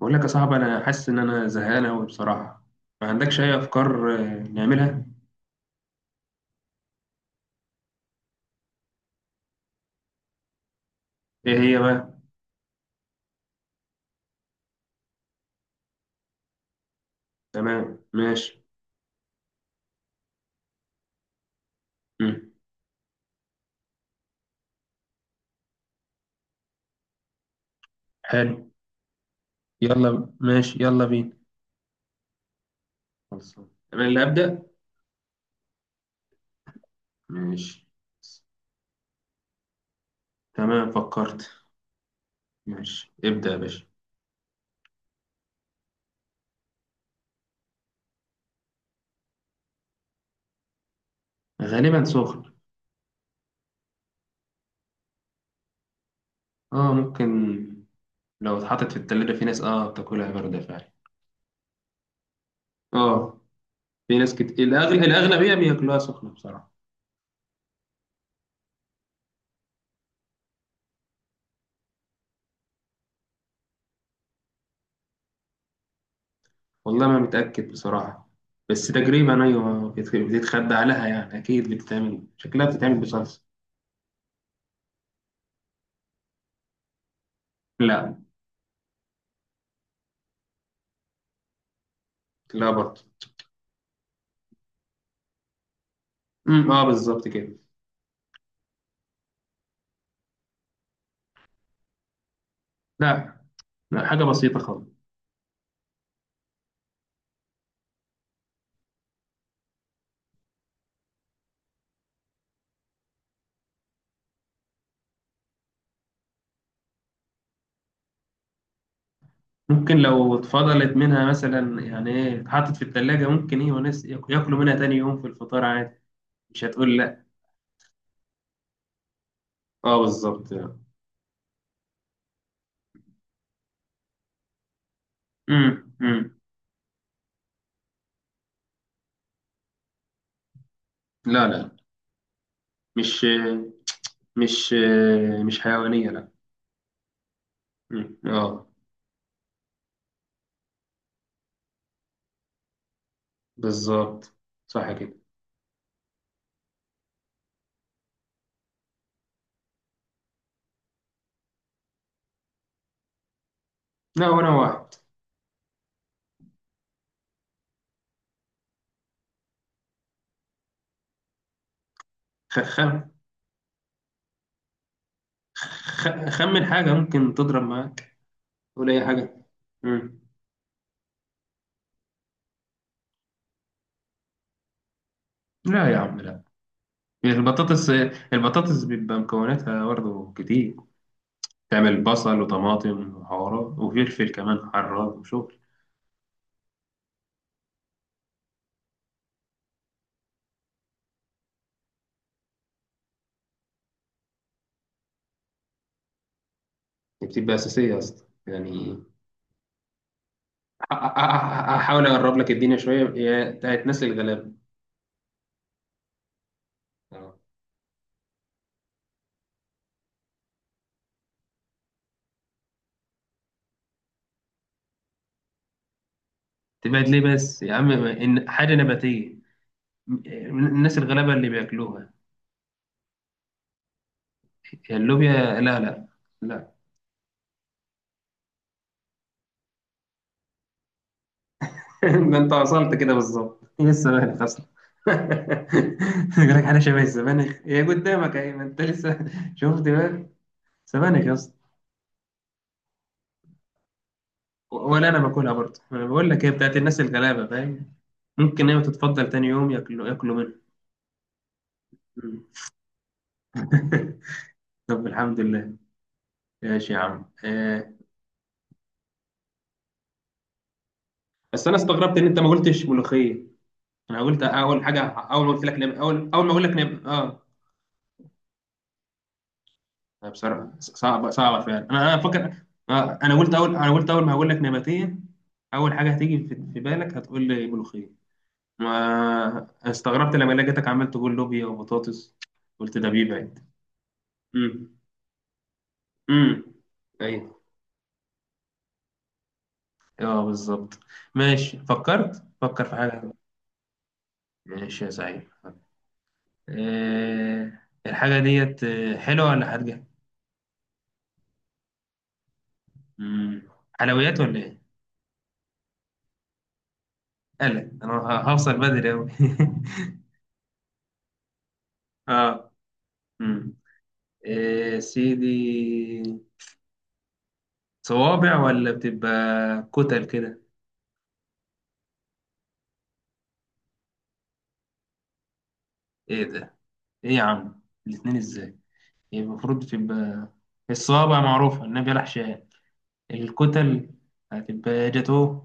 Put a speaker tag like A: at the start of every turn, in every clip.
A: بقول لك يا صاحبي، انا حاسس ان انا زهقان قوي بصراحه. ما عندكش اي افكار؟ نعملها ايه هي بقى؟ تمام ماشي. مم. حلو. يلا ماشي، يلا بينا. خلصان. انا اللي ابدا. ماشي. تمام فكرت. ماشي ابدا يا باشا. غالبا سخن. اه ممكن. لو اتحطت في التلاجة في ناس بتاكلها باردة فعلا. اه. في ناس كتير الاغلبيه بياكلوها سخنه بصراحه. والله ما متأكد بصراحة. بس تقريبا أيوة بتتخبى عليها يعني، أكيد بتتعمل، شكلها بتتعمل بصلصة. لا. لا برضه. اه بالظبط كده. لا، لا، حاجة بسيطة خالص. ممكن لو اتفضلت منها مثلا يعني ايه، اتحطت في التلاجة، ممكن ايه وناس ياكلوا منها تاني يوم في الفطار عادي. مش هتقول لا. اه بالظبط. امم، امم. لا، لا، مش مش مش حيوانية. لا. اه بالظبط. صح كده. لا، وانا واحد. خخم خمن حاجة ممكن تضرب معاك. قول أي حاجة. مم. لا يا عم، لا. البطاطس، البطاطس بيبقى مكوناتها برضه كتير، تعمل بصل وطماطم وحوارات وفلفل كمان حراق وشغل. دي بتبقى أساسية يا اسطى يعني. هحاول أقرب لك الدنيا شوية، هي بتاعت ناس الغلابة. آه. تبعد ليه بس يا عم إن حاجة نباتية. م- الناس الغلابة اللي بياكلوها. هي اللوبيا. لا، لا، لا. ده انت وصلت كده بالظبط، هي السبانخ اصلا. يقول لك حاجه شبه السبانخ، هي قدامك اهي، ما انت لسه شفت بقى. سبانخ يا اسطى. ولا انا باكلها برضه، انا بقول لك هي بتاعت الناس الغلابه فاهم؟ ممكن هي تتفضل تاني يوم ياكلوا منها. مم. طب الحمد لله. ماشي يا عم. آه. بس انا استغربت ان انت ما قلتش ملوخيه. انا قلت اول حاجه، اول ما قلت لك نب... اول اول ما اقول لك نب... اه. لا بصراحة صعبة صعبة فعلا، أنا فاكر. أنا قلت أول ما هقول لك نباتية، أول حاجة هتيجي في بالك هتقول لي ملوخية. ما استغربت لما لقيتك عمال تقول لوبيا وبطاطس، قلت ده بيبعد. امم، امم. أيوه. أه بالظبط. ماشي فكرت، فكر في حاجة. ماشي يا سعيد. أه الحاجة ديت حلوة ولا حادقة؟ امم. حلويات ولا إيه؟ قلق، أنا هوصل بدري أوي. أه. مم. إيه سيدي، صوابع ولا بتبقى كتل كده؟ ايه ده؟ ايه يا عم، الاتنين ازاي؟ يبقى المفروض بتبقى الصوابع معروفة النبي عليه حشان. الكتل هتبقى يا جاتو،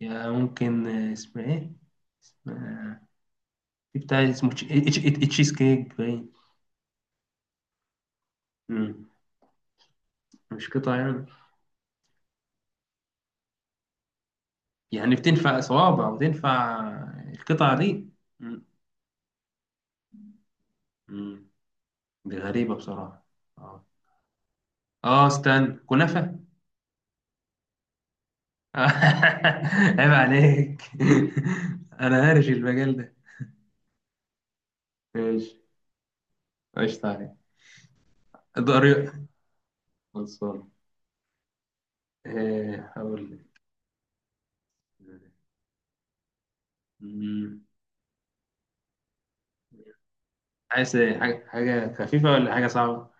A: يا ممكن اسمها ايه، اسمها، في بتاع اسمه تشيز كيك باين. مم، مش قطع يعني؟ يعني بتنفع صوابع وتنفع القطع دي؟ مم، مم، دي غريبة بصراحة. اه. استنى، كنافة! عيب عليك. انا هارش المجال ده. ماشي. قشطة عليك. ضريء. خلصان. هقول لك. مم. عايز إيه؟ حاجة خفيفة ولا حاجة صعبة؟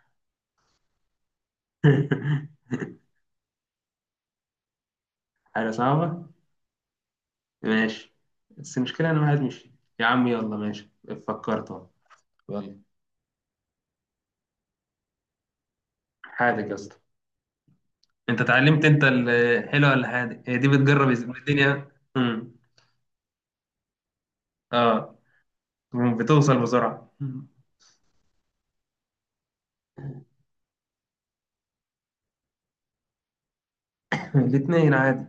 A: حاجة صعبة؟ ماشي. بس المشكلة، أنا واحد مش، يا عم يلا ماشي، فكرت أهو. يلا. حادق يا اسطى. أنت اتعلمت؟ أنت الحلوة ولا حادق؟ هي دي بتجرب الدنيا. مم. أه، بتوصل بسرعة. الاتنين عادي.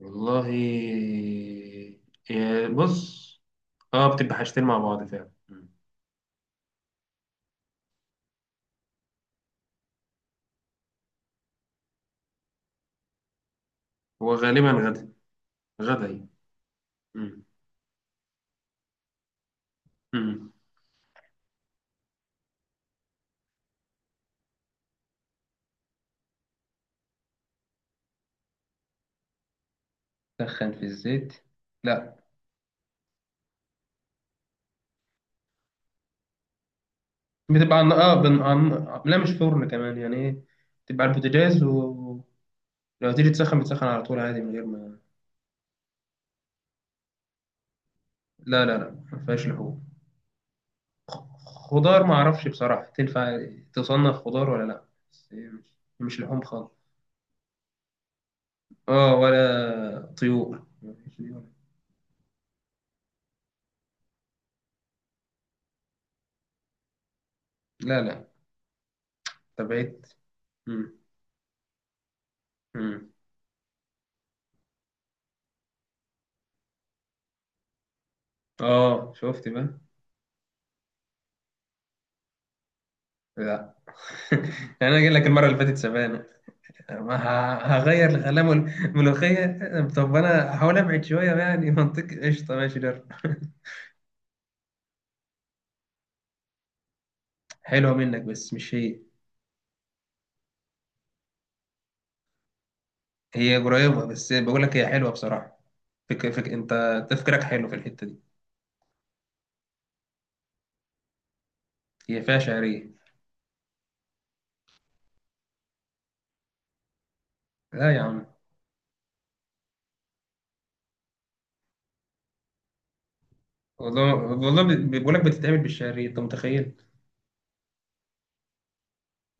A: والله، إيه، بص، اه بتبقى حاجتين مع بعض فعلا. مم. هو غالبا غدا، غدا هي. مم. مم. تسخن في الزيت؟ لا. بتبقى عن... اه بن... عن... لا، مش فرن كمان، يعني ايه، بتبقى على البوتاجاز، ولو تيجي تسخن بتسخن على طول عادي من غير ما... لا، لا، لا، ما فيهاش لحوم. خ- خضار ما اعرفش بصراحة تنفع تصنف خضار ولا لا، بس هي مش لحوم خالص. اه، ولا طيور، مفيش طيور. لا، لا، تبعت. مم. مم. اه شفت بقى. لا. انا جاي لك المره اللي فاتت سبانه، ما هغير الغلاء ملوخيه. طب انا هحاول ابعد شويه يعني، منطقي قشطه ماشي ده. حلوه منك بس مش هي. هي قريبه بس بقول لك هي حلوه بصراحه. انت تفكيرك حلو في الحته دي. هي فيها شعريه. لا يا عم. والله والله، بقول لك بتتعمل بالشعريه انت متخيل؟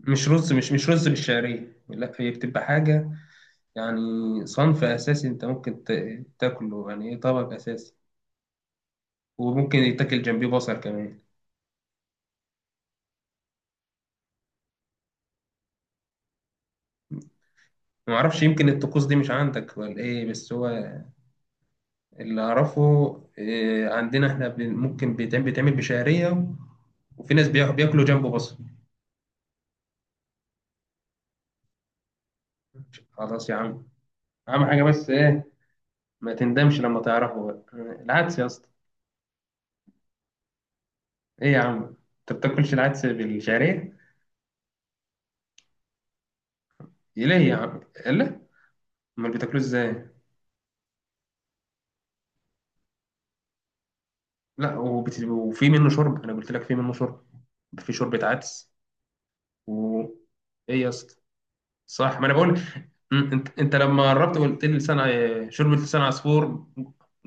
A: مش رز، مش رز بالشعريه، لا هي بتبقى حاجه يعني، صنف أساسي أنت ممكن تاكله يعني، إيه، طبق أساسي، وممكن يتاكل جنبيه بصل كمان. معرفش، يمكن الطقوس دي مش عندك ولا إيه، بس هو اللي أعرفه إيه، عندنا إحنا ممكن بيتعمل بشعرية، وفي ناس بياكلوا جنبه بصل. خلاص يا عم، أهم حاجة بس إيه، ما تندمش لما تعرفه بقى، العدس يا اسطى. إيه يا عم، أنت بتاكلش العدس بالشعرية؟ إيه ليه يا عم؟ إلا، أمال بتاكلوه إزاي؟ لا، وفي منه شرب، انا قلت لك في منه شرب، في شوربه عدس. و... ايه يا اسطى، صح، ما انا بقول، انت لما قربت وقلت لي شوربه لسان عصفور،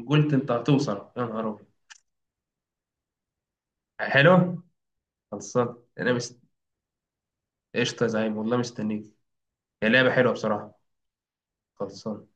A: قلت انت هتوصل يا نهار ابيض. حلو. خلصان. انا قشطه يا زعيم والله مستنيك. هي لعبه حلوه بصراحه. خلصان.